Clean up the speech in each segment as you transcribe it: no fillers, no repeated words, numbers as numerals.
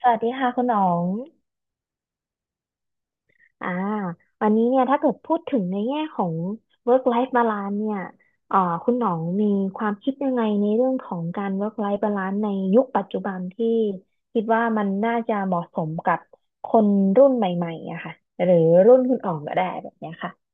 สวัสดีค่ะคุณหนองอ่าวันนี้เนี่ยถ้าเกิดพูดถึงในแง่ของ work life balance เนี่ยเอ่าคุณหนองมีความคิดยังไงในเรื่องของการ work life balance ในยุคปัจจุบันที่คิดว่ามันน่าจะเหมาะสมกับคนรุ่นใหม่ๆอะค่ะหรือรุ่นคุณอ๋องก็ได้แบบเนี้ยค่ะ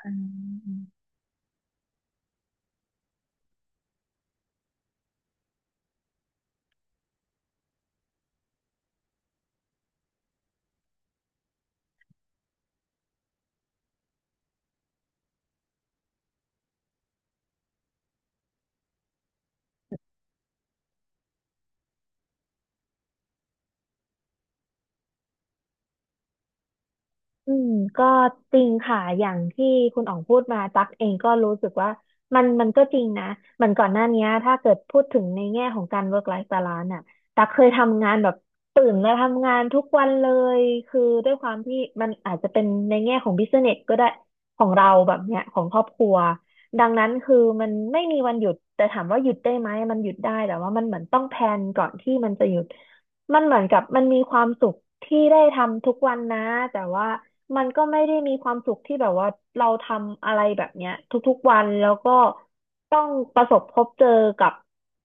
อืม อืมก็จริงค่ะอย่างที่คุณอ๋องพูดมาตักเองก็รู้สึกว่ามันก็จริงนะเหมือนก่อนหน้านี้ถ้าเกิดพูดถึงในแง่ของการ work life balance น่ะตักเคยทำงานแบบตื่นแล้วทำงานทุกวันเลยคือด้วยความที่มันอาจจะเป็นในแง่ของ business ก็ได้ของเราแบบเนี้ยของครอบครัวดังนั้นคือมันไม่มีวันหยุดแต่ถามว่าหยุดได้ไหมมันหยุดได้แต่ว่ามันเหมือนต้องแพลนก่อนที่มันจะหยุด มันเหมือนกับมันมีความสุขที่ได้ทำทุกวันนะแต่ว่ามันก็ไม่ได้มีความสุขที่แบบว่าเราทำอะไรแบบเนี้ยทุกๆวันแล้วก็ต้องประสบพบเจอกับ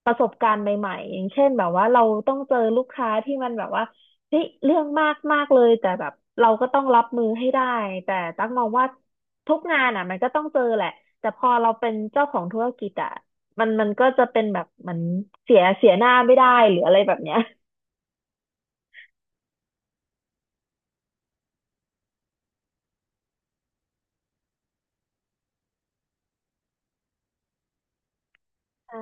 ประสบการณ์ใหม่ๆอย่างเช่นแบบว่าเราต้องเจอลูกค้าที่มันแบบว่าเฮ้ยเรื่องมากมากเลยแต่แบบเราก็ต้องรับมือให้ได้แต่ตั้งมองว่าทุกงานอ่ะมันก็ต้องเจอแหละแต่พอเราเป็นเจ้าของธุรกิจอ่ะมันก็จะเป็นแบบเหมือนเสียหน้าไม่ได้หรืออะไรแบบเนี้ย ใช่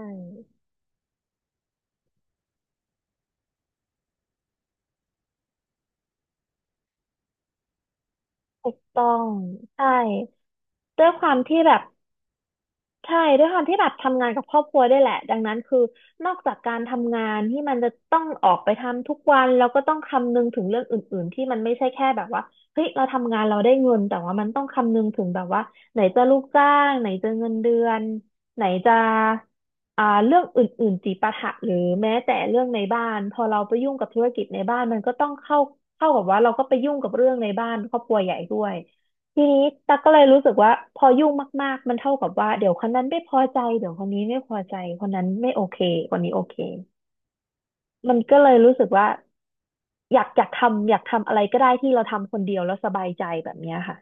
ถูกต้องใช่ด้วยความที่แบบใช่ด้วยความที่แบบทำงานกับครอบครัวได้วยแหละดังนั้นคือนอกจากการทำงานที่มันจะต้องออกไปทำทุกวันแล้วก็ต้องคำนึงถึงเรื่องอื่นๆที่มันไม่ใช่แค่แบบว่าเฮ้ยเราทำงานเราได้เงินแต่ว่ามันต้องคำนึงถึงแบบว่าไหนจะลูกจ้างไหนจะเงินเดือนไหนจะเรื่องอื่นๆจิปาถะหรือแม้แต่เรื่องในบ้านพอเราไปยุ่งกับธุรกิจในบ้านมันก็ต้องเข้ากับว่าเราก็ไปยุ่งกับเรื่องในบ้านครอบครัวใหญ่ด้วย ทีนี้ตั๊กก็เลยรู้สึกว่าพอยุ่งมากๆมันเท่ากับว่าเดี๋ยวคนนั้นไม่พอใจเดี๋ยวคนนี้ไม่พอใจคนนั้นไม่โอเคคนนี้โอเคมันก็เลยรู้สึกว่าอยากทำอะไรก็ได้ที่เราทำคนเดียวแล้วสบายใจแบบเนี้ยค่ะ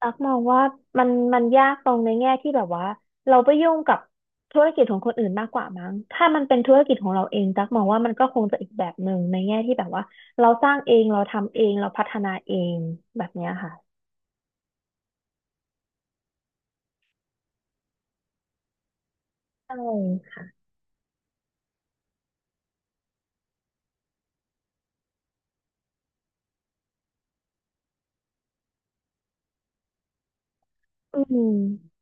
ตักมองว่ามันยากตรงในแง่ที่แบบว่าเราไปยุ่งกับธุรกิจของคนอื่นมากกว่ามั้งถ้ามันเป็นธุรกิจของเราเองตักมองว่ามันก็คงจะอีกแบบหนึ่งในแง่ที่แบบว่าเราสร้างเองเราทำเองเราพัฒนาเองแบบเนี้ยค่ะใช่ค่ะอืม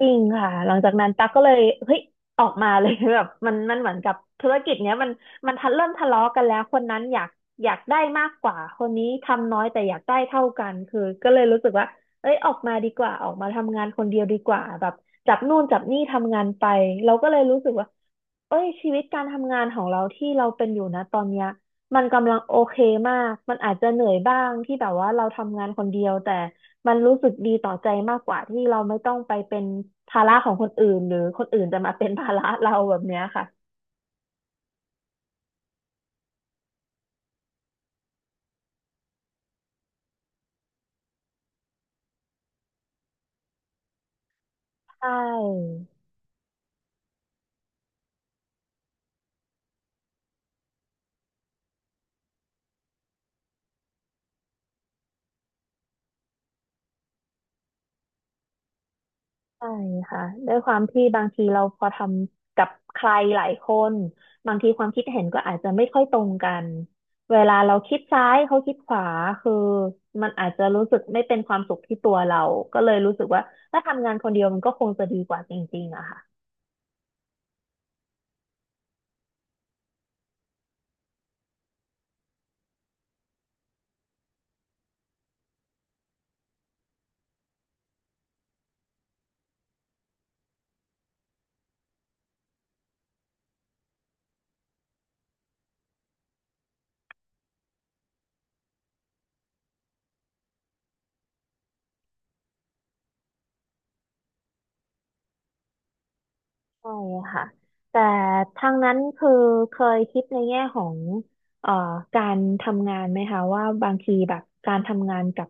จริงค่ะหลังจากนั้นตั๊กก็เลยเฮ้ยออกมาเลย แบบมันเหมือนกับธุรกิจเนี้ยมันมันทันเริ่มทะเลาะกันแล้วคนนั้นอยากได้มากกว่าคนนี้ทำน้อยแต่อยากได้เท่ากันคือก็เลยรู้สึกว่าเอ้ยออกมาดีกว่าออกมาทำงานคนเดียวดีกว่าแบบจับนู่นจับนี่ทำงานไปเราก็เลยรู้สึกว่าเอ้ยชีวิตการทำงานของเราที่เราเป็นอยู่นะตอนเนี้ยมันกำลังโอเคมากมันอาจจะเหนื่อยบ้างที่แบบว่าเราทำงานคนเดียวแต่ มันรู้สึกดีต่อใจมากกว่าที่เราไม่ต้องไปเป็นภาระของคนอื่นหรือคนอื่นจะมาเป็นภาระเราแบบเนี้ยค่ะใช่ใช่ค่ะด้วยความที่บางทีเราพอทำกับใครหลายคนบางทีความคิดเห็นก็อาจจะไม่ค่อยตรงกันเวลาเราคิดซ้ายเขาคิดขวาคือมันอาจจะรู้สึกไม่เป็นความสุขที่ตัวเราก็เลยรู้สึกว่าถ้าทำงานคนเดียวมันก็คงจะดีกว่าจริงๆอะค่ะ ใช่ค่ะแต่ทางนั้นคือเคยคิดในแง่ของเอ่อการทำงานไหมคะว่าบางทีแบบการทำงานกับ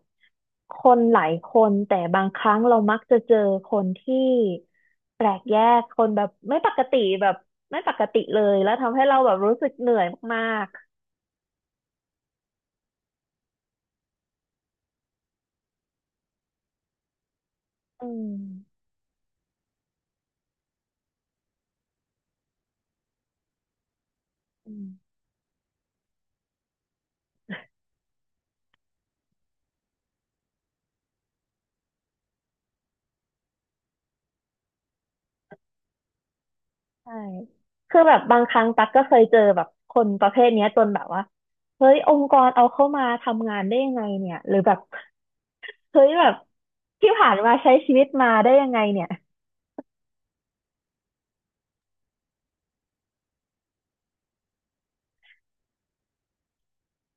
คนหลายคนแต่บางครั้งเรามักจะเจอคนที่แปลกแยกคนแบบไม่ปกติแบบไม่ปกติเลยแล้วทำให้เราแบบรู้สึกเหนื่อยมากๆอืมอืมใช่คือแบบบางครั้งตั๊กก็เคยเจอแบบคนประเภทเนี้ยจนแบบว่าเฮ้ยองค์กรเอาเข้ามาทำงานได้ยังไงเนี่ยหรือแบบ เฮ้ยแบบที่ผ่านมาใช้ชีวิตมาได้ยังไงเนี่ย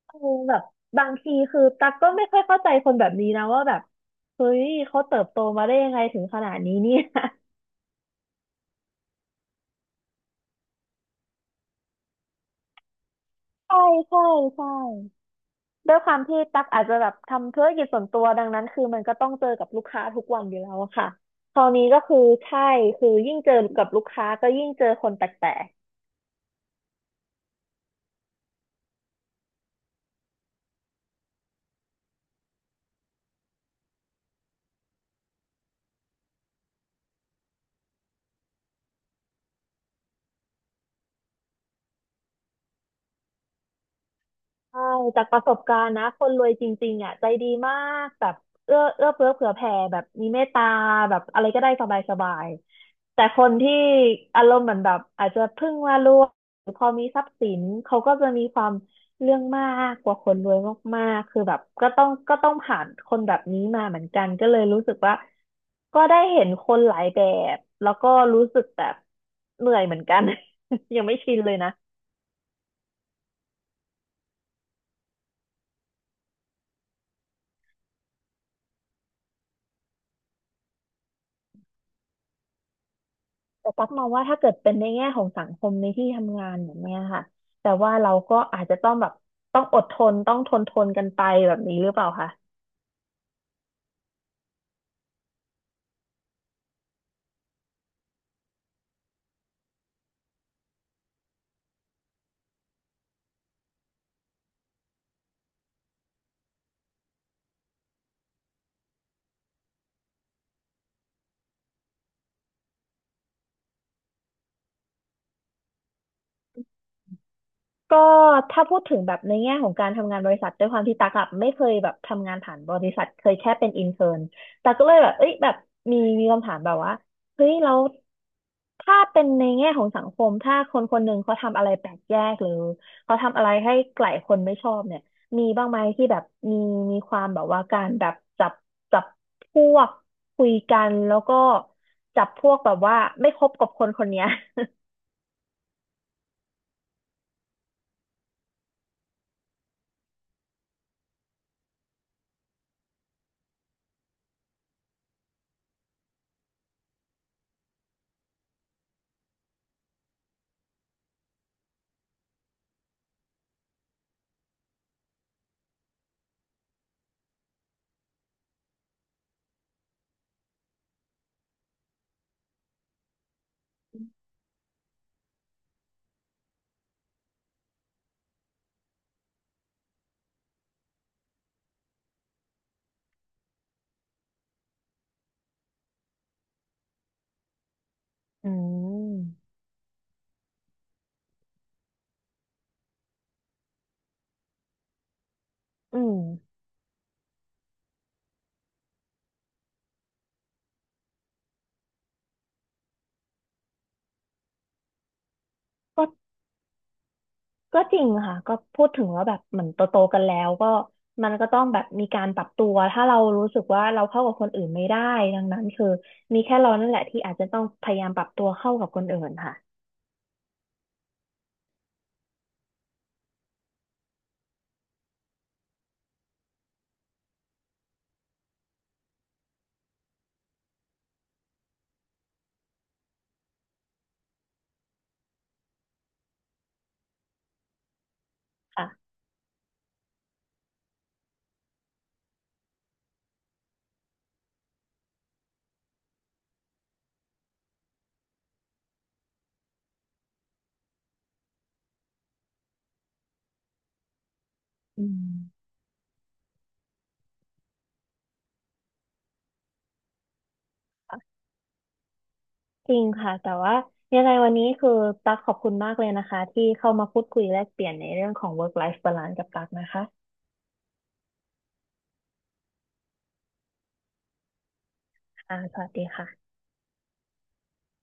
เออแบบบางทีคือตักก็ไม่ค่อยเข้าใจคนแบบนี้นะว่าแบบเฮ้ยเขาเติบโตมาได้ยังไงถึงขนาดนี้เนี่ยใช่ใช่ใช่ด้วยความที่ตักอาจจะแบบทำธุรกิจส่วนตัวดังนั้นคือมันก็ต้องเจอกับลูกค้าทุกวันอยู่แล้วอะค่ะคราวนี้ก็คือใช่คือยิ่งเจอกับลูกค้าก็ยิ่งเจอคนแปลก ใช่จากประสบการณ์นะคนรวยจริงๆอ่ะใจดีมากแบบเอื้อเฟื้อเผื่อแผ่แบบมีเมตตาแบบอะไรก็ได้สบายๆแต่คนที่อารมณ์เหมือนแบบอาจจะเพิ่งมารวยหรือพอมีทรัพย์สินเขาก็จะมีความเรื่องมากกว่าคนรวยมากๆคือแบบก็ต้องผ่านคนแบบนี้มาเหมือนกันก็เลยรู้สึกว่าก็ได้เห็นคนหลายแบบแล้วก็รู้สึกแบบเหนื่อยเหมือนกัน ยังไม่ชินเลยนะ แต่ตั๊กมองว่าถ้าเกิดเป็นในแง่ของสังคมในที่ทำงานแบบเนี้ยค่ะแต่ว่าเราก็อาจจะต้องแบบต้องอดทนต้องทนทนกันไปแบบนี้หรือเปล่าคะ ก็ถ้าพูดถึงแบบในแง่ของการทำงานบริษัทด้วยความที่ตักอะไม่เคยแบบทำงานผ่านบริษัทเคยแค่เป็นอินเทอร์นตักก็เลยแบบเอ้ยแบบมีคำถามแบบว่าเฮ้ยแล้วถ้าเป็นในแง่ของสังคมถ้าคนคนหนึ่งเขาทำอะไรแปลกแยกหรือเขาทำอะไรให้หลายคนไม่ชอบเนี่ยมีบ้างไหมที่แบบมีมีความแบบว่าการแบบจับจับพวกคุยกันแล้วก็จับพวกแบบว่าไม่คบกับคนคนเนี้ยอืมอืมก็ ก็จริงค่ะก็พูดถึงว่าแบบเหมือนโตโตกันแล้วก็มันก็ต้องแบบมีการปรับตัวถ้าเรารู้สึกว่าเราเข้ากับคนอื่นไม่ได้ดังนั้นคือมีแค่เรานั่นแหละที่อาจจะต้องพยายามปรับตัวเข้ากับคนอื่นค่ะค่ะอืมค่ะจริงค่ะแต่ว่ายังไงวันนี้คือตั๊กขอบคุณมากเลยนะคะที่เข้ามาพูดคุยแลกเปลี่ยนในเรื่องของ work life balance กับตั๊กนะคะอ่าสวัสดีค่ะ